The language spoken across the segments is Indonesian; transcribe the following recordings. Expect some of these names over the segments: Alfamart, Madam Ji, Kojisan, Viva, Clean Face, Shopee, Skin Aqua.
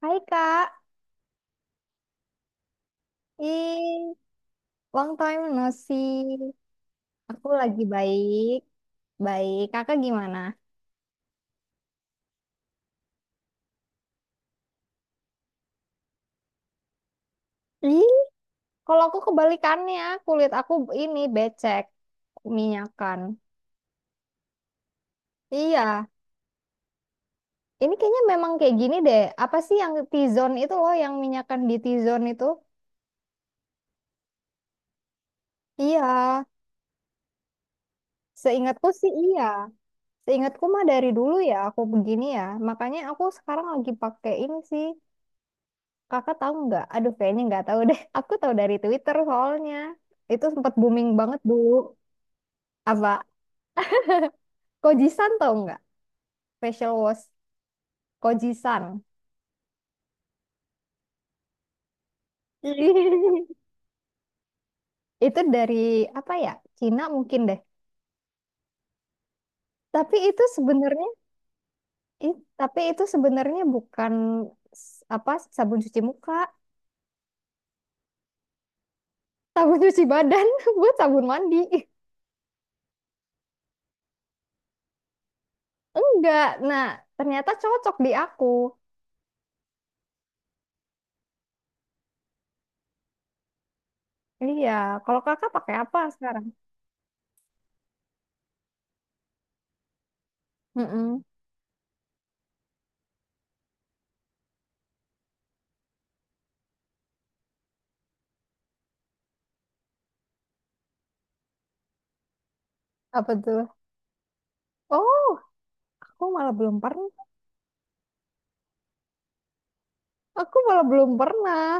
Hai Kak, ih, long time no see. Aku lagi baik, baik. Kakak gimana? Ih, kalau aku kebalikannya, kulit aku ini becek, minyakan. Iya, ini kayaknya memang kayak gini deh. Apa sih yang T-zone itu loh, yang minyakan di T-zone itu? Iya, seingatku sih iya. Seingatku mah dari dulu ya aku begini ya. Makanya aku sekarang lagi pakai ini sih. Kakak tahu nggak? Aduh, kayaknya nggak tahu deh. Aku tahu dari Twitter soalnya. Itu sempat booming banget dulu. Apa? Kojisan tahu nggak? Facial wash. Kojisan. Itu dari apa ya? Cina mungkin deh. Tapi itu sebenarnya, tapi itu sebenarnya bukan apa sabun cuci muka, sabun cuci badan buat sabun mandi. Enggak. Nah, ternyata cocok di aku. Iya. Kalau kakak pakai apa sekarang? Mm-mm. Apa tuh? Oh. Aku malah belum pernah. Aku malah belum pernah.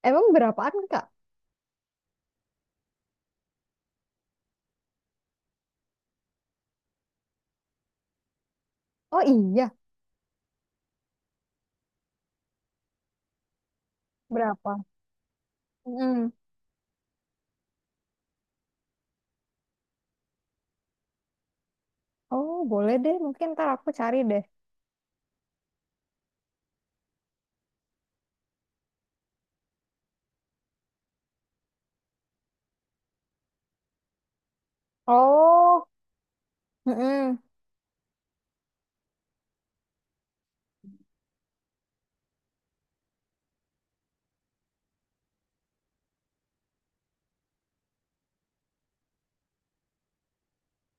Emang berapaan, Kak? Oh iya, berapa? Mm. Oh, boleh deh. Mungkin ntar aku cari deh. Oh, mm-mm.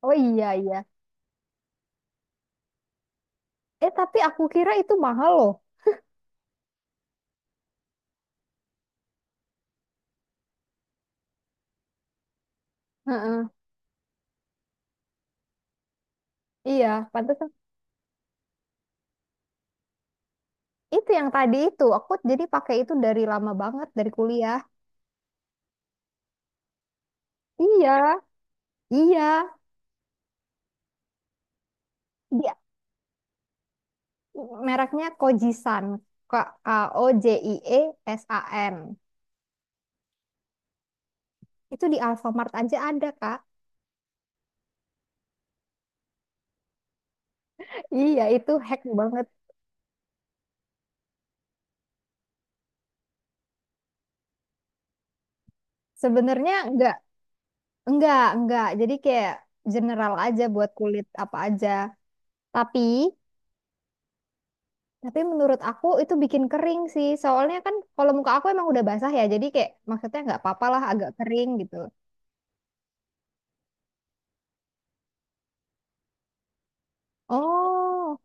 Oh iya, iya. Eh, tapi aku kira itu mahal loh. Heeh. Iya, pantesan. Itu yang tadi itu. Aku jadi pakai itu dari lama banget, dari kuliah. Iya, iya. Dia mereknya Kojisan. K-O-J-I-E-S-A-N. Itu di Alfamart aja ada, Kak. Iya, itu hack banget. Sebenarnya enggak, enggak. Jadi kayak general aja buat kulit apa aja. Tapi, tapi menurut aku itu bikin kering sih. Soalnya kan kalau muka aku emang udah basah ya. Jadi kayak maksudnya nggak apa-apa lah agak kering gitu. Oh,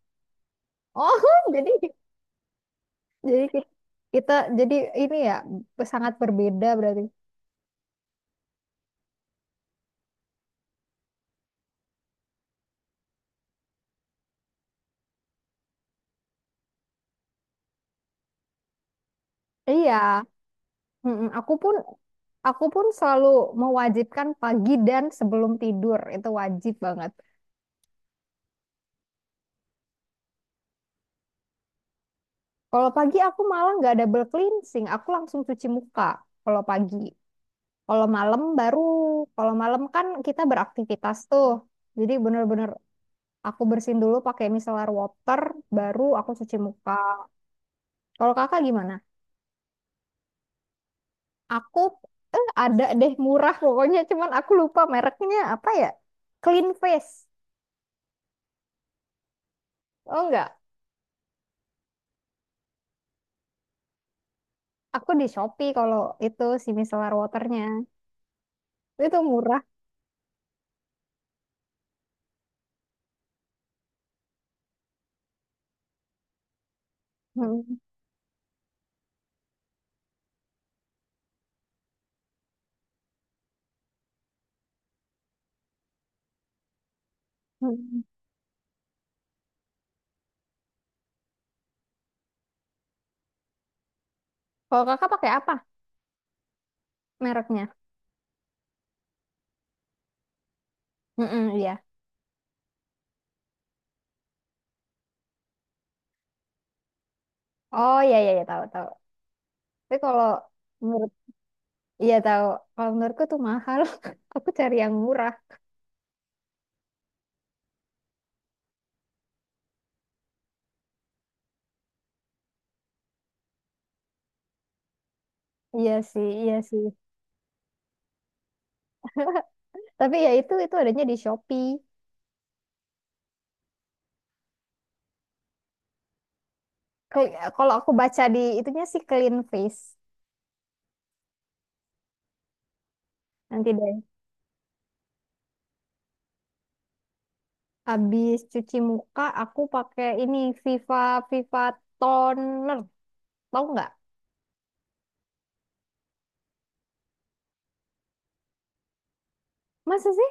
oh, jadi jadi kita jadi ini ya sangat berbeda berarti. Iya, mm-mm. Aku pun selalu mewajibkan pagi dan sebelum tidur itu wajib banget. Kalau pagi aku malah nggak double cleansing, aku langsung cuci muka kalau pagi. Kalau malam baru, kalau malam kan kita beraktivitas tuh. Jadi bener-bener aku bersihin dulu pakai micellar water, baru aku cuci muka. Kalau kakak gimana? Aku ada deh murah pokoknya, cuman aku lupa mereknya apa ya? Clean Face. Oh enggak, aku di Shopee kalau itu si micellar waternya. Itu murah. Hmm. Hmm. Kalau kakak pakai apa mereknya? Mm-mm, iya. Oh iya iya ya tahu tahu. Tapi kalau menurut, iya tahu. Kalau menurutku tuh mahal. Aku cari yang murah. Iya sih, iya sih. Tapi ya itu adanya di Shopee. Kalau aku baca di itunya sih Clean Face. Nanti deh. Habis cuci muka aku pakai ini Viva Viva Toner. Tahu nggak? Masa sih?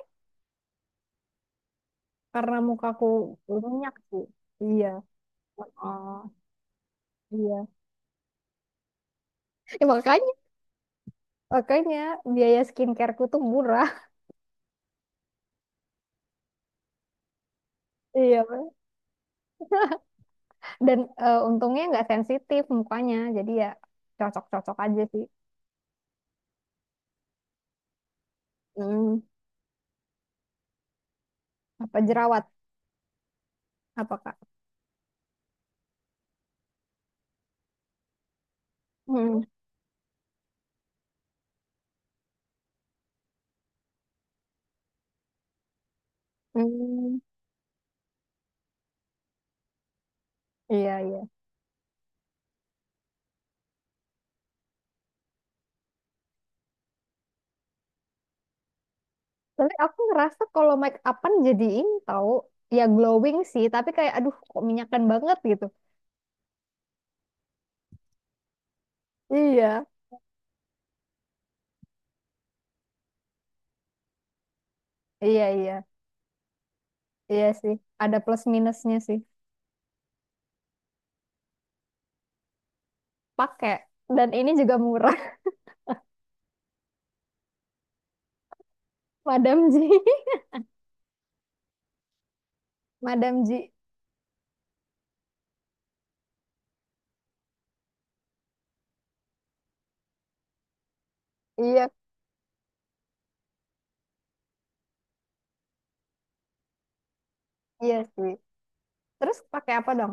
Karena mukaku berminyak sih. Iya. Oh, iya. Ya, makanya makanya biaya skincare ku tuh murah. Iya. Dan untungnya nggak sensitif mukanya, jadi ya cocok-cocok aja sih. Hmm, apa jerawat apa Kak? Hmm, hmm, iya iya, tapi aku ngerasa kalau make upan jadi ini tahu, ya glowing sih, tapi kayak aduh kok minyakan banget gitu. Iya iya iya. Iya sih, ada plus minusnya sih. Pakai, dan ini juga murah. Madam Ji. Madam Ji. Iya. Iya sih, terus pakai apa dong?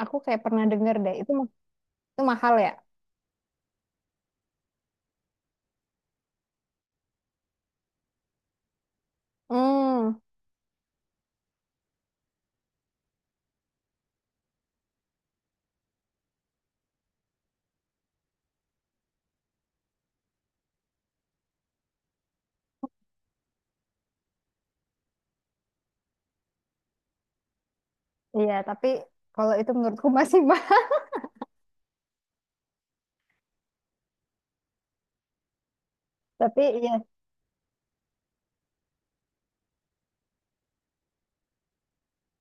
Aku kayak pernah denger deh itu itu mahal ya. Hmm. Iya, tapi kalau itu menurutku masih mahal. Tapi iya,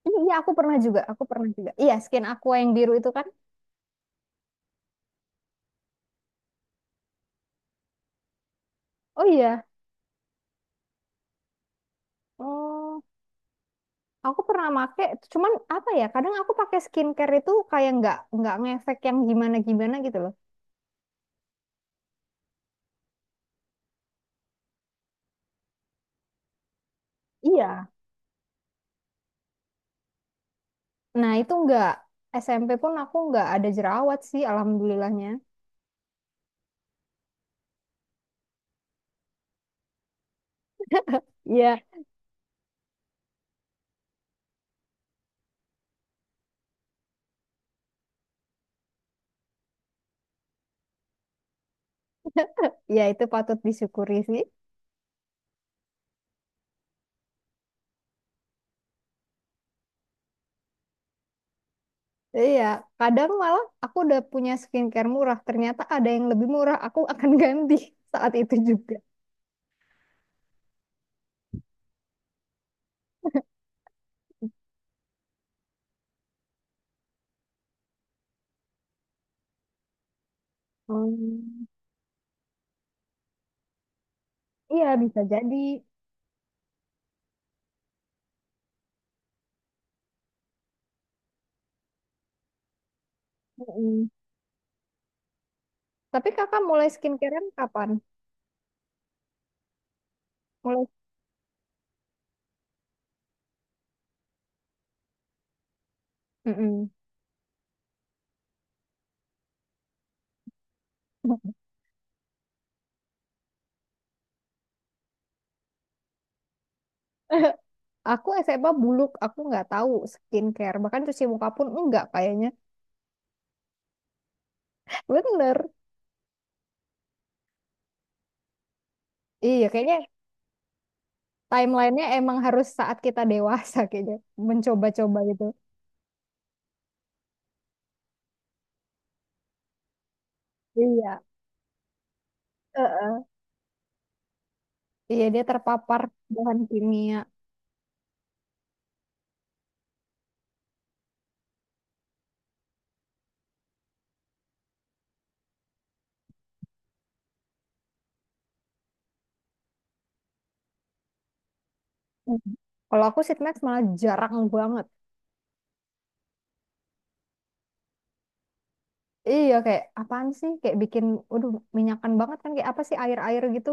iya aku pernah juga, aku pernah juga. Iya, skin aqua yang biru itu kan. Oh iya, oh aku pernah make. Cuman apa ya? Kadang aku pakai skincare itu kayak nggak ngefek yang gimana gimana gitu loh. Iya. Nah itu nggak, SMP pun aku nggak ada jerawat sih, alhamdulillahnya. Iya, iya itu patut disyukuri sih. Iya, kadang malah aku udah punya skincare murah, ternyata ada yang lebih murah, aku akan ganti saat itu juga. Hmm, iya bisa jadi. Mm-mm. Tapi kakak mulai skincarean kapan? Mulai. Mm-mm. Aku SMA buluk, aku nggak tahu skincare. Bahkan cuci muka pun enggak kayaknya. Bener. Iya, kayaknya timelinenya emang harus saat kita dewasa kayaknya. Mencoba-coba gitu. Iya. Heeh. Iya, dia terpapar bahan kimia. Mm. Kalau aku sheet mask malah jarang banget. Iya, kayak apaan sih? Kayak bikin, waduh, minyakan banget kan. Kayak apa sih air-air gitu.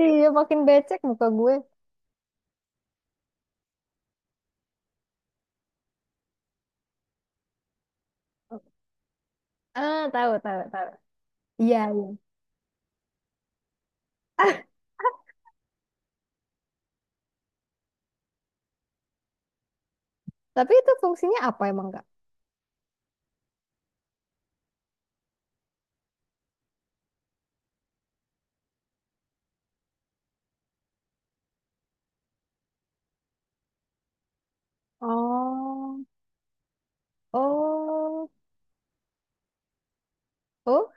Iya, makin becek muka gue. Ah, tahu, tahu, tahu. Iya, iya. Tapi itu fungsinya apa emang, Kak? Oh. Oh, oh,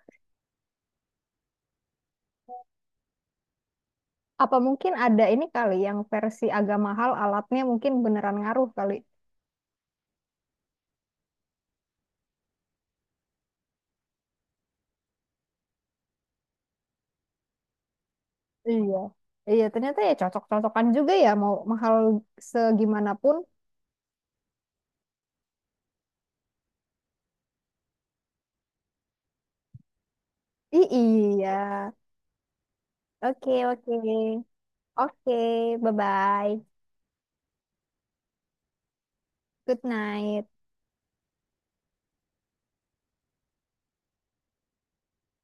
apa mungkin ada ini kali yang versi agak mahal alatnya mungkin beneran ngaruh kali. Iya. Iya, ternyata ya cocok-cocokan juga ya mau mahal segimanapun. Iya. Oke, oke. Oke, bye-bye. Good night.